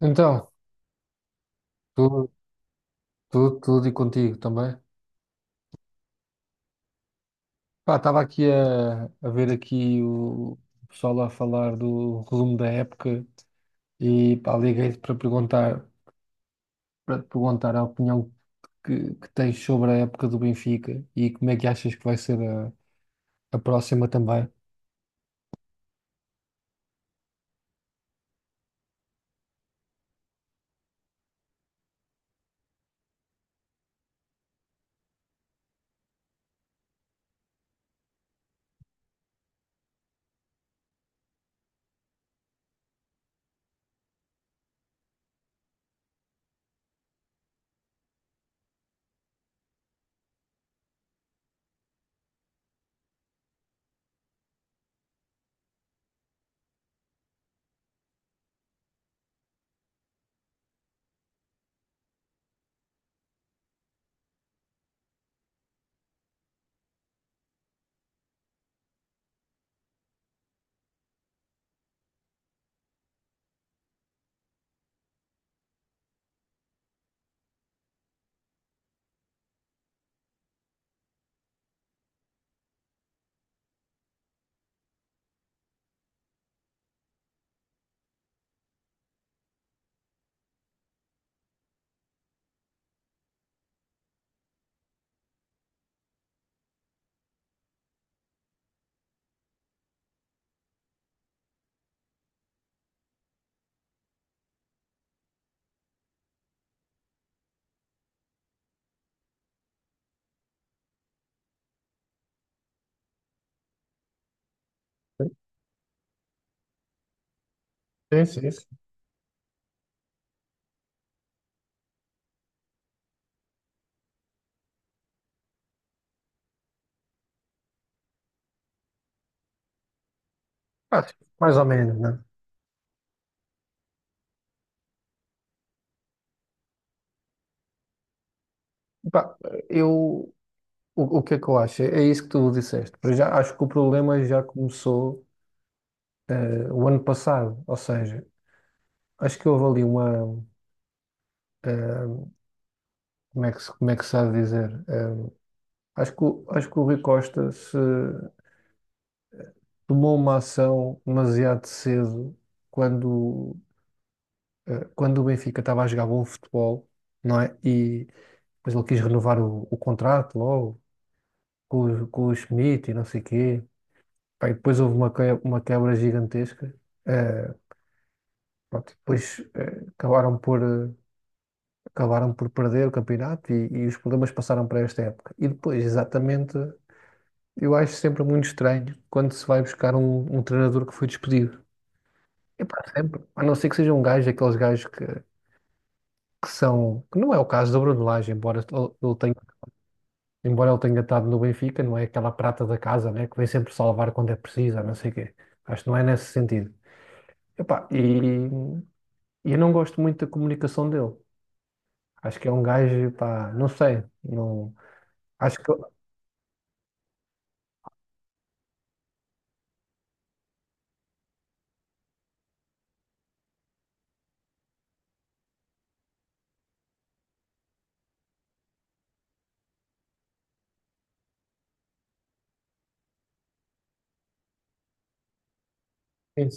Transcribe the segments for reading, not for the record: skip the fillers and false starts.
Então, tudo, tudo, tudo e contigo também. Pá, estava aqui a ver aqui o pessoal a falar do resumo da época e pá, liguei-te para perguntar, para te perguntar a opinião que tens sobre a época do Benfica e como é que achas que vai ser a próxima também. Sim, sim, sim. Pá, mais ou menos, né? Pá, eu, o que é que eu acho? É isso que tu disseste. Para já acho que o problema já começou o ano passado, ou seja, acho que houve ali uma. eh, como é que, como é que se há de dizer? Acho que, acho que o Rui Costa se tomou uma ação demasiado cedo quando, quando o Benfica estava a jogar bom futebol, não é? E depois ele quis renovar o contrato logo com, com o Schmidt e não sei quê. Pá, e depois houve uma, uma quebra gigantesca. Eh, pronto, e depois acabaram por. Acabaram por perder o campeonato e os problemas passaram para esta época. E depois, exatamente. Eu acho sempre muito estranho quando se vai buscar um, um treinador que foi despedido. É para sempre. A não ser que seja um gajo, aqueles gajos que são. Que não é o caso do Bruno Lage, embora ele tenha, embora ele tenha estado no Benfica, não é aquela prata da casa, né? Que vem sempre salvar quando é preciso, a não sei o quê. Acho que não é nesse sentido. Epá, e eu não gosto muito da comunicação dele. Acho que é um gajo, pá, não sei. Não, acho que. Sim,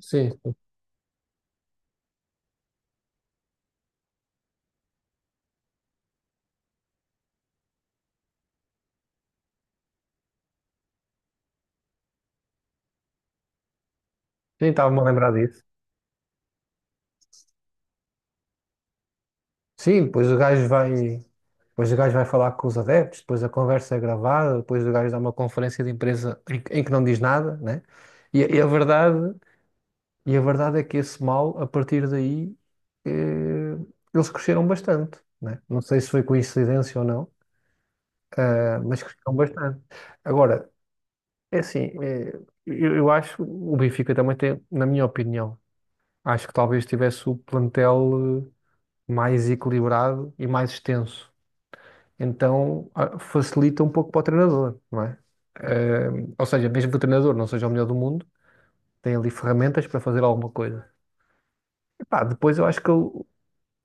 sim, sim. Nem estava-me a lembrar disso. Sim, depois o gajo vai, depois o gajo vai falar com os adeptos, depois a conversa é gravada, depois o gajo dá uma conferência de imprensa em que não diz nada, né? E, a e a verdade, e a verdade é que esse mal, a partir daí, eh, eles cresceram bastante, né? Não sei se foi coincidência ou não, mas cresceram bastante. Agora, é assim, eu acho o Benfica também tem, na minha opinião, acho que talvez tivesse o plantel mais equilibrado e mais extenso então facilita um pouco para o treinador, não é? Eh, ou seja, mesmo que o treinador não seja o melhor do mundo, tem ali ferramentas para fazer alguma coisa. Epá, depois eu acho que o,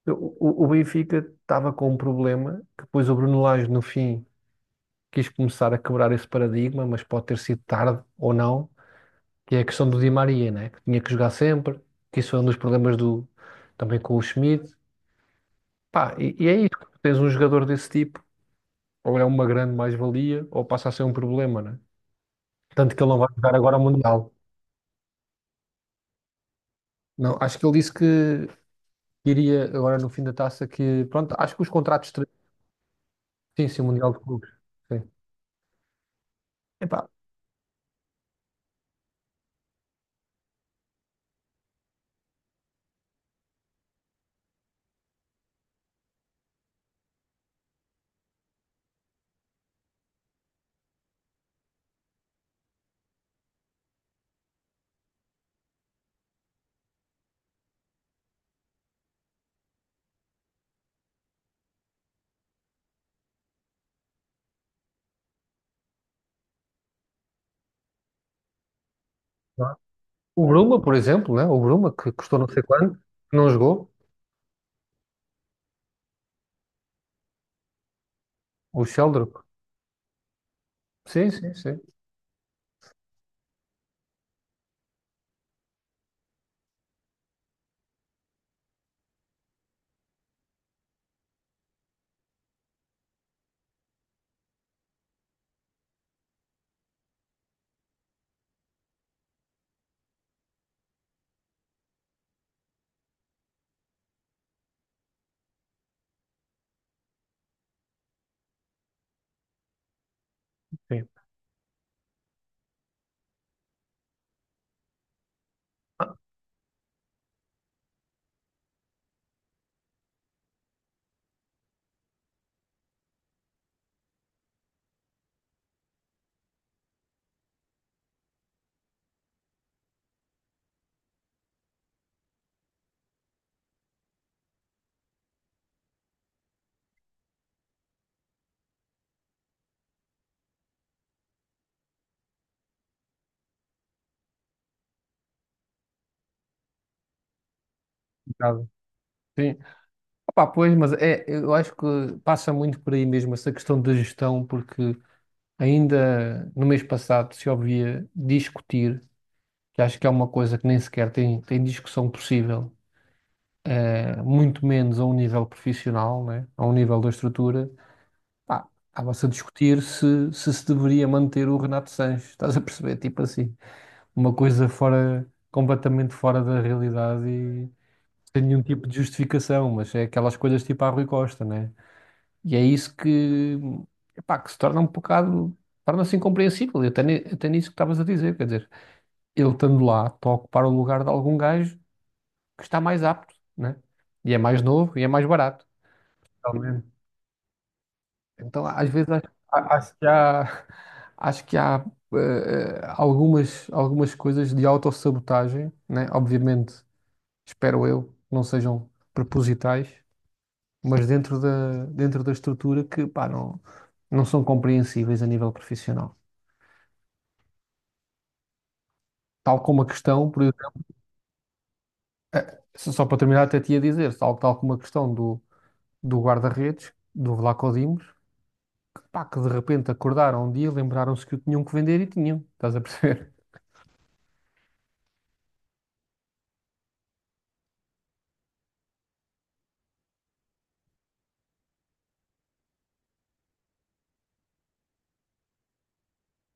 o, o Benfica estava com um problema, que depois o Bruno Lage no fim quis começar a quebrar esse paradigma, mas pode ter sido tarde ou não, que é a questão do Di Maria, né? Que tinha que jogar sempre, que isso foi um dos problemas do, também com o Schmidt. Pá, e é isso, tens um jogador desse tipo, ou é uma grande mais-valia, ou passa a ser um problema, né? Tanto que ele não vai jogar agora o Mundial. Não, acho que ele disse que iria agora no fim da taça que, pronto, acho que os contratos... Sim, sim, o Mundial de Clubes. Sim. Epá, não é? O Bruma, por exemplo, né? O Bruma, que custou não sei quanto, que não jogou. O Sheldrick. Sim, sim, sim. Sim. Ah, complicado. Sim. Opá, pois, mas é, eu acho que passa muito por aí mesmo essa questão da gestão, porque ainda no mês passado se ouvia discutir, que acho que é uma coisa que nem sequer tem, tem discussão possível, muito menos a um nível profissional, né? A um nível da estrutura, pá, estava-se a discutir se, se se deveria manter o Renato Sanches, estás a perceber? Tipo assim, uma coisa fora, completamente fora da realidade e sem nenhum tipo de justificação, mas é aquelas coisas tipo a Rui Costa, né? E é isso que, epá, que se torna um bocado, torna-se incompreensível, e até, até nisso que estavas a dizer, quer dizer, ele estando lá, está a ocupar o lugar de algum gajo que está mais apto, né? E é mais novo e é mais barato. Pelo Então, às vezes, acho, a- acho que há, acho que há algumas, algumas coisas de autossabotagem, né? Obviamente, espero eu, não sejam propositais, mas dentro da estrutura que, pá, não, não são compreensíveis a nível profissional. Tal como a questão, por exemplo, só para terminar, até te ia dizer, tal, tal como a questão do, do guarda-redes, do Vlaco Dimos, pá, que de repente acordaram um dia, lembraram-se que o tinham que vender e tinham, estás a perceber?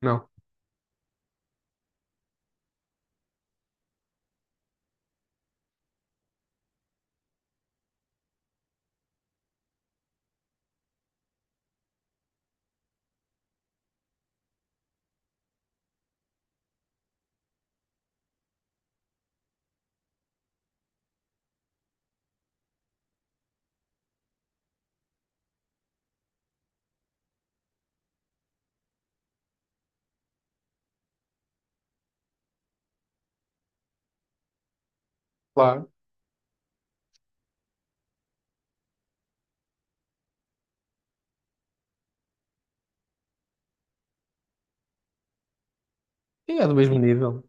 Não. Claro. Sim, é do mesmo nível.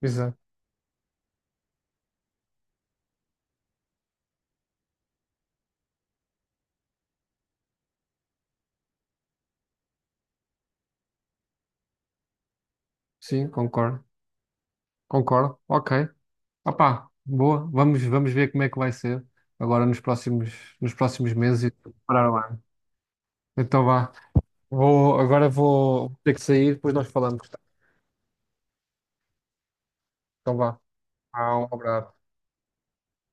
Exato. Sim, concordo. Concordo. Ok. Opá, boa. Vamos, vamos ver como é que vai ser agora nos próximos meses e preparar o ano. Então vá. Vou, agora vou ter que sair, depois nós falamos. Tá? Então vá. Ah, um abraço.